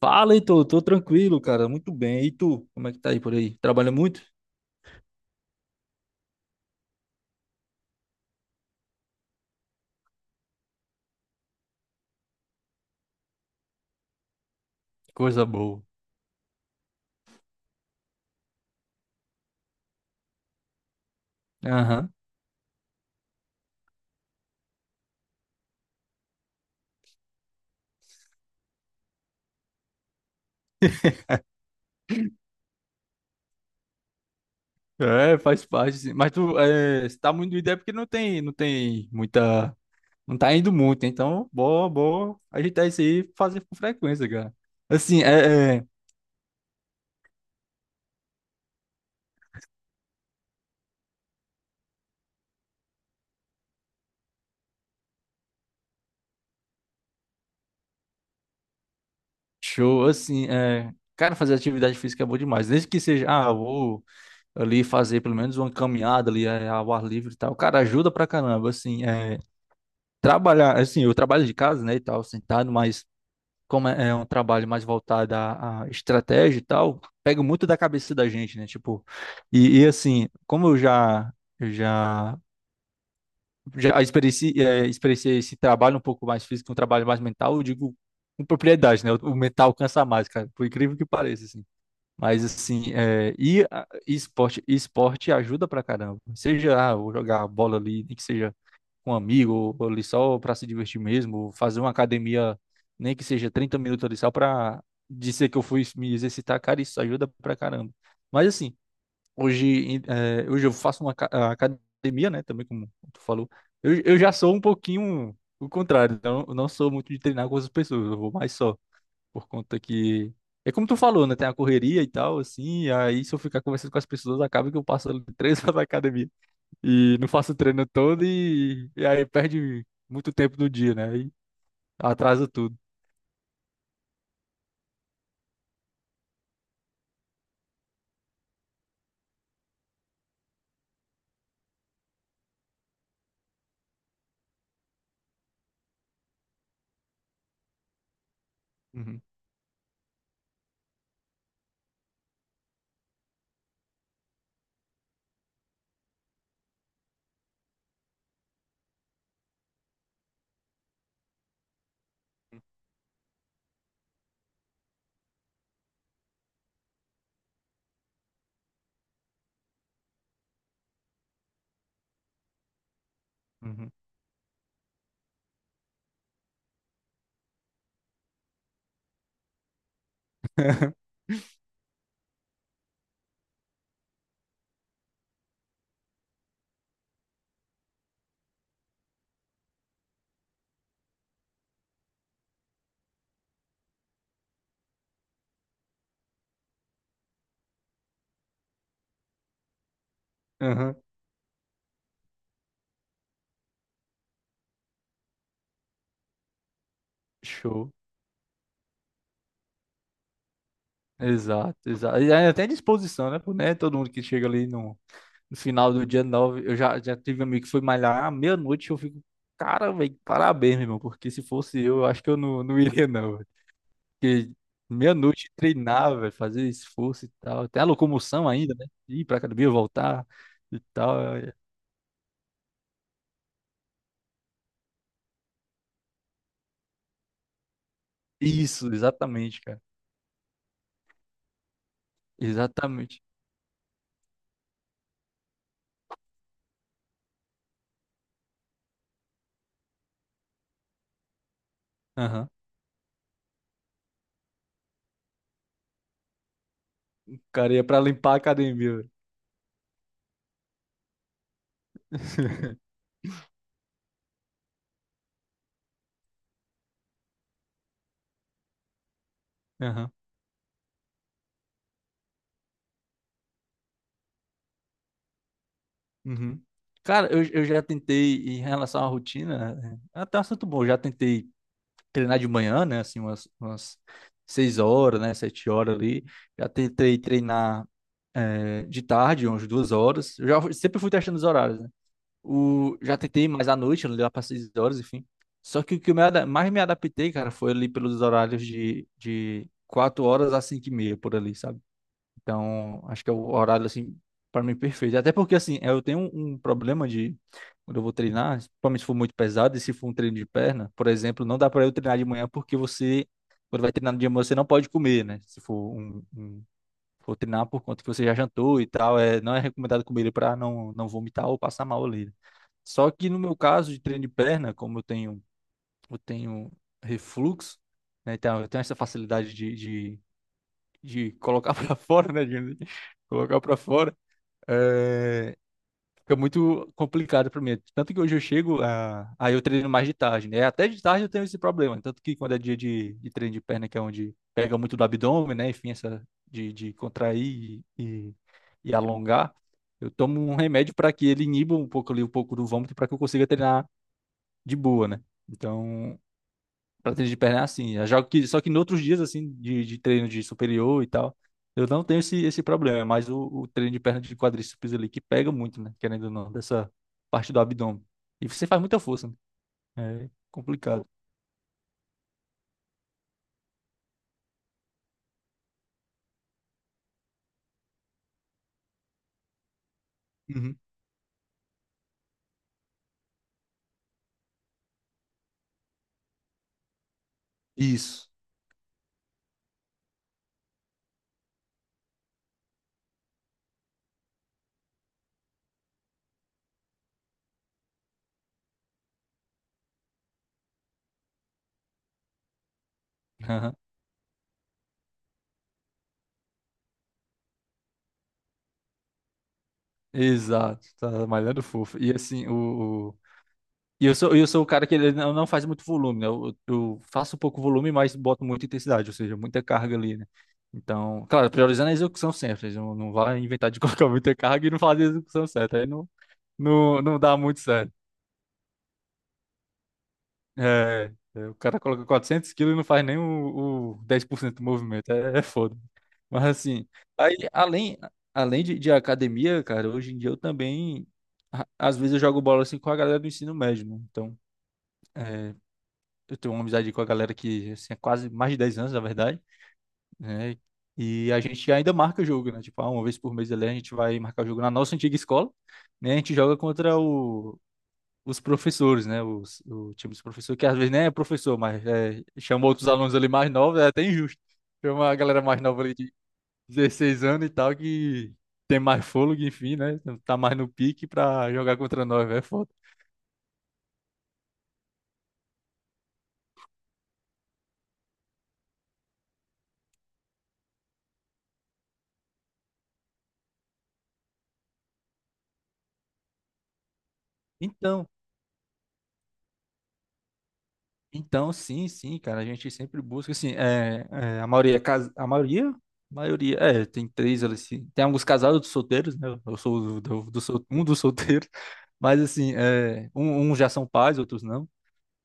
Fala, Heitor, tô tranquilo, cara, muito bem. E tu, como é que tá aí por aí? Trabalha muito? Coisa boa. Aham. É, faz parte, sim. Mas tu é, se tá muito ideia porque não tem muita, não tá indo muito, então, boa, boa, ajeitar isso aí, e fazer com frequência, cara. Assim, show, assim, é, cara, fazer atividade física é bom demais, desde que seja, ah, eu vou ali fazer pelo menos uma caminhada ali ao ar livre e tal, cara, ajuda pra caramba, assim, é, trabalhar, assim, eu trabalho de casa, né, e tal, sentado, mas como é um trabalho mais voltado à, à estratégia e tal, pega muito da cabeça da gente, né? Tipo, e assim, como eu já experienciei esse trabalho um pouco mais físico, um trabalho mais mental, eu digo com propriedade, né? O mental cansa mais, cara, por incrível que pareça, assim. Mas assim, é, e, e esporte ajuda pra caramba. Seja ah, eu vou jogar bola ali, nem que seja com um amigo, ou ali só para se divertir mesmo, ou fazer uma academia, nem que seja 30 minutos ali só para dizer que eu fui me exercitar, cara, isso ajuda pra caramba. Mas assim, hoje, hoje eu faço uma a academia, né, também como tu falou, eu já sou um pouquinho o contrário, então eu não sou muito de treinar com as pessoas, eu vou mais só, por conta que... É como tu falou, né? Tem a correria e tal, assim, aí se eu ficar conversando com as pessoas, acaba que eu passo ali 3 horas na academia e não faço treino todo e aí perde muito tempo do dia, né? E atrasa tudo. Uhum, uhum. Aham. Show. Exato, exato. E aí até disposição, né? Pô, né? Todo mundo que chega ali no, no final do dia 9 eu já tive um amigo que foi malhar à meia-noite, eu fico, cara, velho, parabéns, meu irmão, porque se fosse eu acho que eu não, não iria, não, velho. Porque meia-noite treinar, velho, fazer esforço e tal. Tem a locomoção ainda, né? Ir pra academia, voltar e tal. É. Isso, exatamente, cara. Exatamente. Aham. O cara ia pra limpar a academia, velho. Aham, uhum. Cara, eu já tentei, em relação à rotina, é até um assunto bom, eu já tentei treinar de manhã, né, assim, umas 6 horas, né, 7 horas ali, já tentei treinar de tarde, umas 2 horas, eu já sempre fui testando os horários, né, já tentei mais à noite, lá para 6 horas, enfim, só que o que mais me adaptei, cara, foi ali pelos horários de 4 horas a cinco e meia, por ali, sabe? Então, acho que é o horário, assim, para mim perfeito. Até porque, assim, eu tenho um problema de. Quando eu vou treinar, principalmente se for muito pesado e se for um treino de perna, por exemplo, não dá para eu treinar de manhã porque você, quando vai treinar no dia, de manhã, você não pode comer, né? Se for for treinar por conta que você já jantou e tal, é, não é recomendado comer ele para não, não vomitar ou passar mal ali. Só que no meu caso de treino de perna, eu tenho refluxo, né? Então, eu tenho essa facilidade de, de colocar para fora, né? Digamos assim, colocar para fora, é, fica muito complicado para mim. Tanto que hoje eu chego, aí eu treino mais de tarde, né? Até de tarde eu tenho esse problema. Tanto que quando é dia de treino de perna, que é onde pega muito do abdômen, né? Enfim, essa de contrair e alongar, eu tomo um remédio para que ele iniba um pouco ali, um pouco do vômito, para que eu consiga treinar de boa, né? Então, pra treino de perna é assim. Eu jogo que, só que em outros dias, assim, de treino de superior e tal, eu não tenho esse problema. Mas o treino de perna de quadríceps ali, que pega muito, né? Querendo ou não, dessa parte do abdômen. E você faz muita força, né? É complicado. Uhum. Isso. Aham. Exato. Tá malhando fofo. E assim, o- E eu sou o cara que ele não faz muito volume, né? Eu faço pouco volume, mas boto muita intensidade, ou seja, muita carga ali, né? Então, claro, priorizando a execução sempre, não, não vai inventar de colocar muita carga e não fazer a execução certa, aí não, não, não dá muito certo. O cara coloca 400 quilos e não faz nem o 10% do movimento, é foda. Mas assim, aí, além de academia, cara, hoje em dia eu também, às vezes eu jogo bola assim com a galera do ensino médio, né? Então, eu tenho uma amizade com a galera que assim, é quase mais de 10 anos, na verdade, né? E a gente ainda marca jogo, né? Tipo, ah, uma vez por mês ali a gente vai marcar jogo na nossa antiga escola, né? A gente joga contra os professores, né? Os, o time dos professores, que às vezes nem é professor, mas é, chama outros alunos ali mais novos, é até injusto. Tem uma galera mais nova ali de 16 anos e tal que tem mais fôlego, enfim, né? Tá mais no pique pra jogar contra nós, velho, é foda. Então, então, sim, sim, cara, a gente sempre busca, assim, a maioria, tem três, ali, assim, tem alguns casados dos solteiros, né, eu sou um dos solteiros, mas, assim, é, uns já são pais, outros não,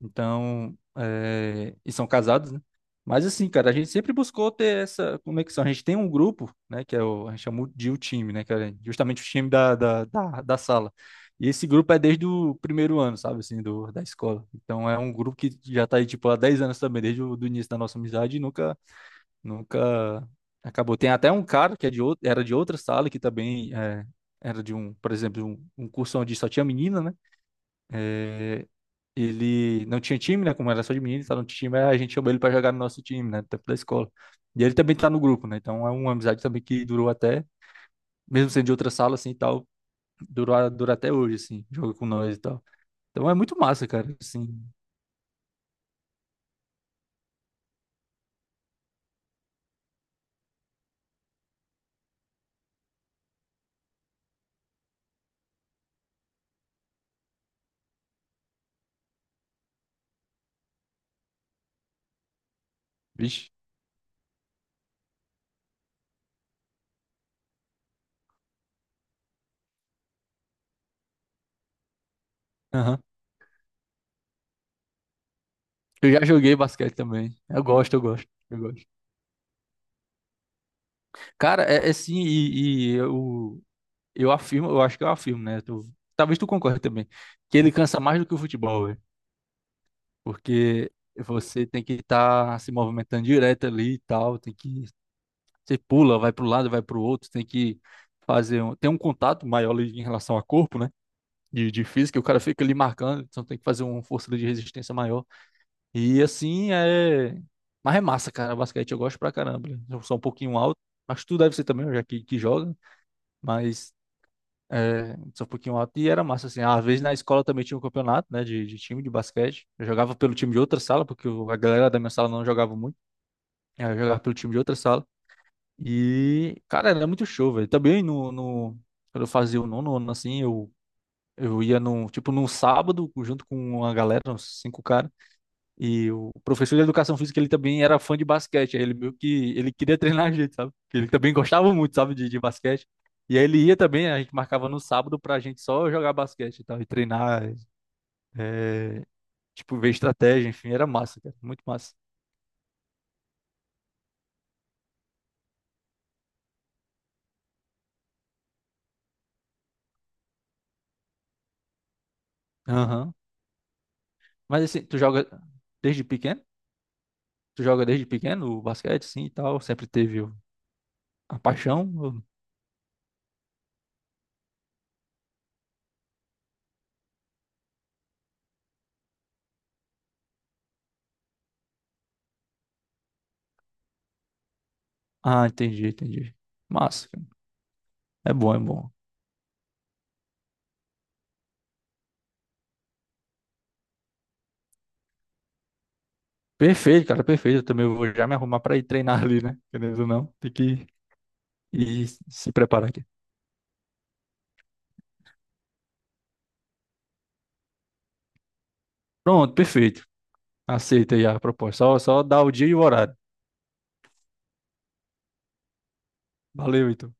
então, e são casados, né? Mas assim, cara, a gente sempre buscou ter essa conexão. A gente tem um grupo, né, que é a gente chama de o time, né, que é justamente o time da sala. E esse grupo é desde o primeiro ano, sabe, assim, do, da escola. Então é um grupo que já tá aí, tipo, há 10 anos também, desde o do início da nossa amizade e nunca, nunca acabou. Tem até um cara que é de outro, era de outra sala, que também é, era de um, por exemplo, um curso onde só tinha menina, né? Eh, ele não tinha time, né? Como era só de menino, tá no time, aí a gente chamou ele pra jogar no nosso time, né? No tempo da escola. E ele também tá no grupo, né? Então é uma amizade também que durou até, mesmo sendo de outra sala, assim, e tal, durou, dura até hoje, assim, joga com nós e tal. Então é muito massa, cara, assim, vixe. Aham. Eu já joguei basquete também. Eu gosto, eu gosto, eu gosto. Cara, é assim, eu acho que eu afirmo, né? Tu- talvez tu concorde também, que ele cansa mais do que o futebol, porque você tem que estar se movimentando direto ali e tal, tem que você pula, vai para um lado, vai para o outro, tem que fazer um, tem um contato maior ali em relação a corpo, né? De física, o cara fica ali marcando, então tem que fazer uma força ali de resistência maior. E assim é. Mas é massa, cara. Basquete eu gosto pra caramba, né? Eu sou um pouquinho alto, mas tu deve ser também, já que joga. Mas é, sou um pouquinho alto. E era massa, assim. Às vezes na escola também tinha um campeonato, né, de time de basquete. Eu jogava pelo time de outra sala, porque a galera da minha sala não jogava muito. Aí eu jogava pelo time de outra sala. E, cara, era muito show, velho. Também no, no, quando eu fazia o nono ano, assim, eu ia num, tipo, num sábado, junto com uma galera, uns cinco caras. E o professor de educação física, ele também era fã de basquete. Aí ele meio que ele queria treinar a gente, sabe? Porque ele também gostava muito, sabe, de basquete. E aí ele ia também, a gente marcava no sábado pra gente só jogar basquete e tal, e treinar, é, tipo, ver estratégia, enfim, era massa, cara, muito massa. Aham. Mas assim, tu joga desde pequeno? Tu joga desde pequeno o basquete, sim, e tal? Sempre teve a paixão? Ou- Ah, entendi, entendi. Massa, cara. É bom, é bom. Perfeito, cara, perfeito. Eu também vou já me arrumar para ir treinar ali, né? Querendo ou não, tem que ir se preparar aqui. Pronto, perfeito. Aceita aí a proposta. Só dá o dia e o horário. Valeu, Heitor.